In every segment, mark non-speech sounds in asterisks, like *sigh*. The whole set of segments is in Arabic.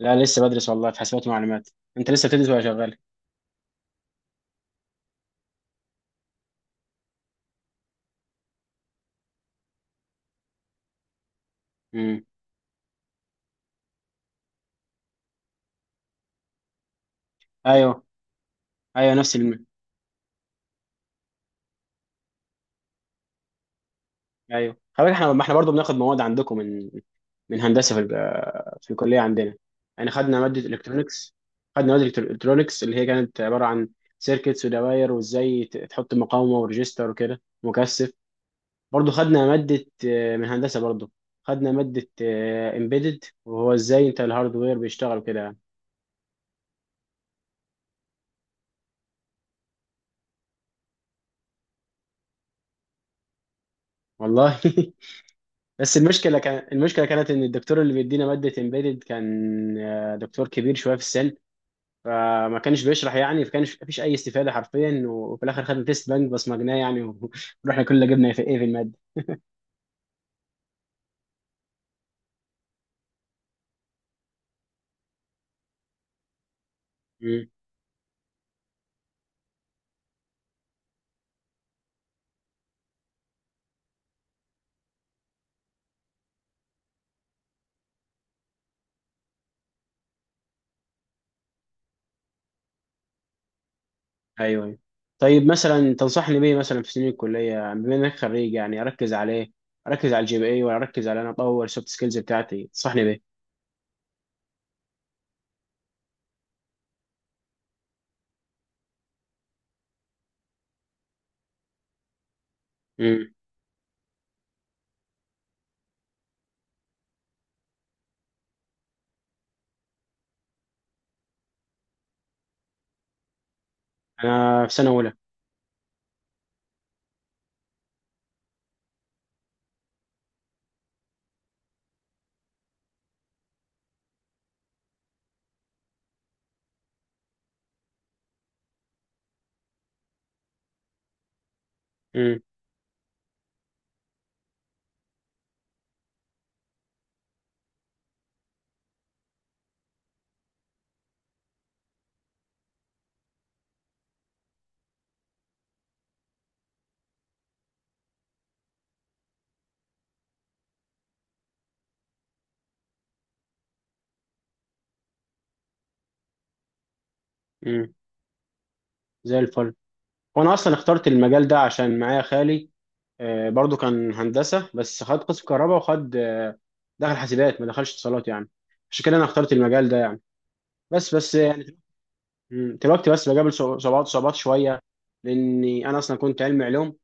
لا، لسه بدرس والله، في حسابات ومعلومات. انت لسه بتدرس ولا شغال؟ امم. ايوه. ايوه نفس الم... ايوه، خلي بالك احنا، ما احنا برضه بناخد مواد عندكم من هندسه في الكليه عندنا. يعني خدنا ماده الكترونكس. خدنا ماده الكترونكس اللي هي كانت عباره عن سيركتس ودوائر وازاي تحط مقاومه وريجستر وكده مكثف. برضه خدنا ماده من هندسه برضه. خدنا ماده امبيدد، وهو ازاي انت الهاردوير بيشتغل كده يعني. والله *laughs* بس المشكله كان، المشكله كانت ان الدكتور اللي بيدينا ماده امبيدد كان دكتور كبير شويه في السن. فما كانش بيشرح يعني، فكانش مفيش اي استفاده حرفيا. وفي الاخر خدنا تيست بنك بصمجناه يعني *laughs* ورحنا كلنا جبنا في ايه في الماده. مم. ايوه ايوه. طيب مثلا تنصحني بيه، مثلا في سنين الكليه بما انك خريج، يعني اركز على ايه؟ اركز على GPA، ولا اركز على انا اطور السوفت سكيلز بتاعتي؟ تنصحني بيه. مم. انا في سنه اولى. مم. مم. زي الفل. وانا اصلا اخترت المجال ده عشان معايا خالي، برضو كان هندسه، بس خد قسم كهرباء، وخد دخل حاسبات ما دخلش اتصالات يعني. عشان كده انا اخترت المجال ده يعني. بس، بس يعني. مم، دلوقتي بس بقابل صعوبات، صعوبات شويه، لاني انا اصلا كنت علمي علوم،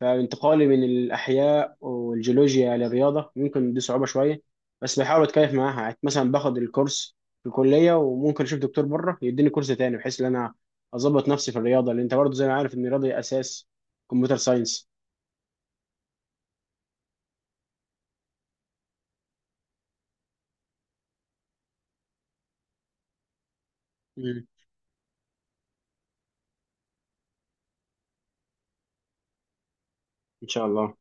فانتقالي من الأحياء والجيولوجيا للرياضة، ممكن دي صعوبة شوية. بس بحاول أتكيف معاها. يعني مثلا باخد الكورس في الكلية، وممكن أشوف دكتور بره يديني كورس تاني، بحيث إن أنا أظبط نفسي في الرياضة، لأن أنت برضه زي ما عارف إن الرياضة أساس كمبيوتر ساينس. مم. إن شاء الله.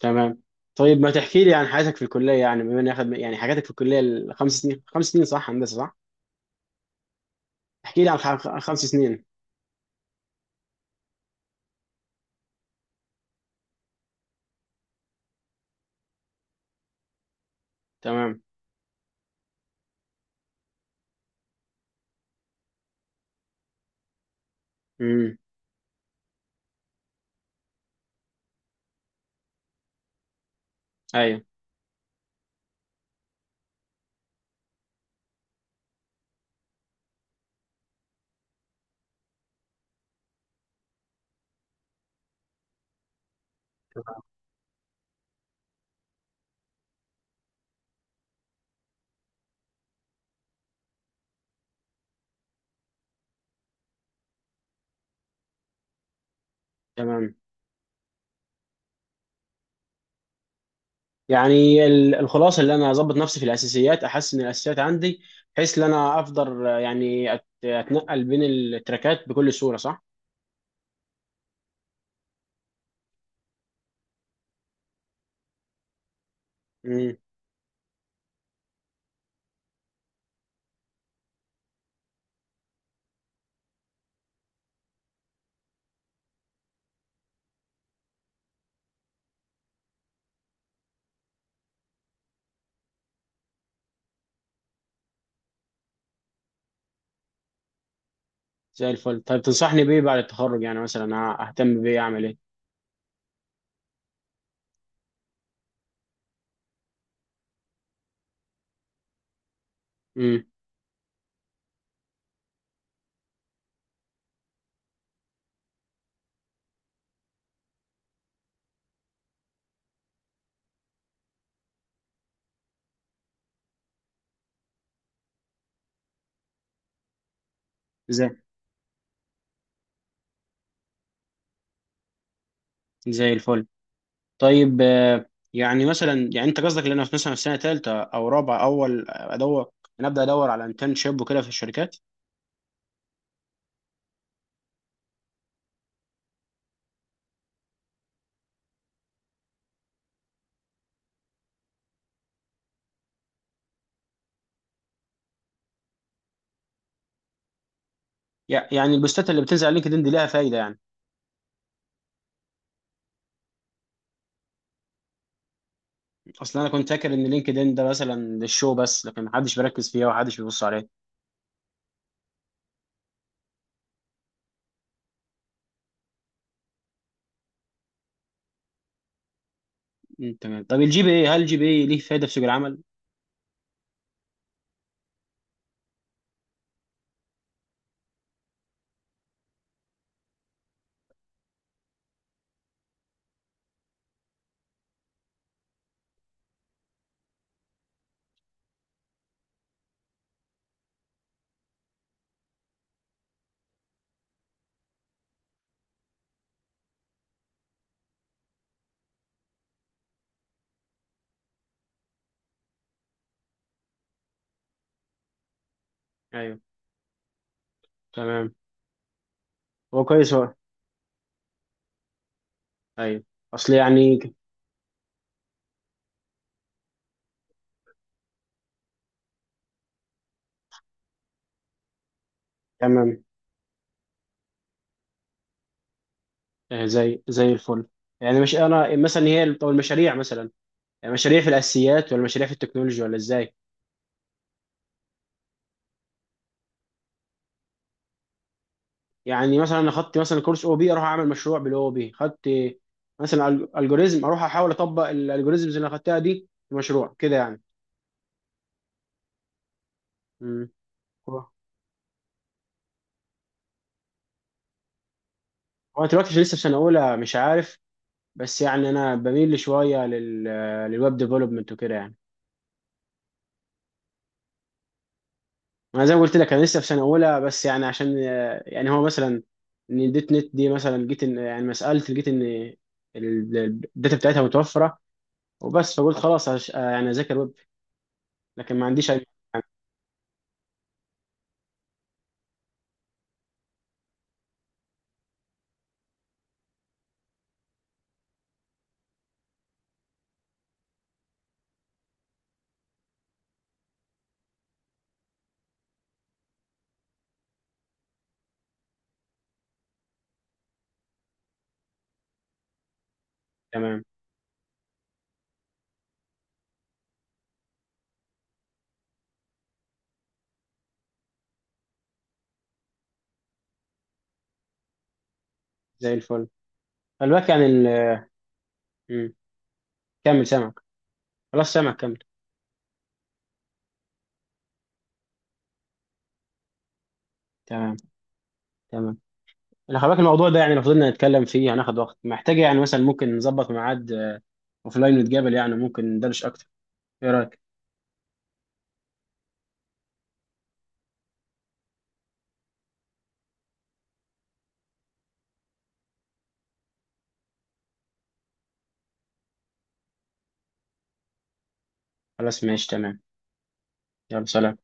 تمام. طيب ما تحكي لي عن حياتك في الكلية، يعني بما إني أخد يعني حاجاتك في الكلية، الخمس سنين، خمس سنين صح؟ هندسة صح؟ احكي لي عن خمس سنين. تمام. امم. أيوه. تمام. يعني الخلاصه اللي انا اظبط نفسي في الاساسيات، احسن الاساسيات عندي، بحيث ان انا افضل يعني اتنقل بين التراكات بكل سهوله، صح؟ امم. زي الفل. طيب تنصحني بيه بعد التخرج يعني، مثلا أه، اهتم بيه؟ اعمل ايه؟ امم. زي زي الفل. طيب يعني مثلا، يعني انت قصدك ان انا مثلا في سنه ثالثه او رابعه اول ادور، انا ابدا ادور على انترنشيب وكده في الشركات؟ يعني البوستات اللي بتنزل على لينكدين دي ليها فايده يعني؟ اصلا انا كنت فاكر ان لينكدين ده مثلا للشو بس، لكن محدش بيركز فيها ومحدش بيبص عليها. مم، تمام. طب GPA، هل GPA ليه فايده في سوق العمل؟ ايوه. تمام. هو كويس، هو ايوه. اصل يعني تمام. آه، زي زي الفل. يعني مش انا مثلا هي طب المشاريع مثلا، يعني مشاريع في الاساسيات، ولا مشاريع في التكنولوجيا، ولا ازاي؟ يعني مثلا انا خدت مثلا كورس او بي، اروح اعمل مشروع بالاو بي؟ خدت مثلا الجوريزم، اروح احاول اطبق الالجوريزمز اللي انا خدتها دي في مشروع كده يعني؟ امم. هو دلوقتي لسه في سنه اولى، مش عارف. بس يعني انا بميل شويه للويب ديفلوبمنت وكده يعني. انا زي ما قلت لك، انا لسه في سنه اولى، بس يعني عشان يعني هو مثلا، ان الدوت نت دي مثلا، جيت ان يعني ما سالت، لقيت ان ال- الداتا بتاعتها متوفره وبس، فقلت خلاص يعني اذاكر ويب. لكن ما عنديش اي. تمام، زي الفل. خلي يعني مم. كمل سامعك. خلاص، سامعك، كمل. تمام. تمام. اللي خلي بالك الموضوع ده يعني، لو فضلنا نتكلم فيه هناخد وقت، محتاج يعني مثلا ممكن نظبط ميعاد اوف لاين ونتقابل، يعني ممكن ندردش اكتر. ايه رايك؟ خلاص، ماشي، تمام. يلا سلام.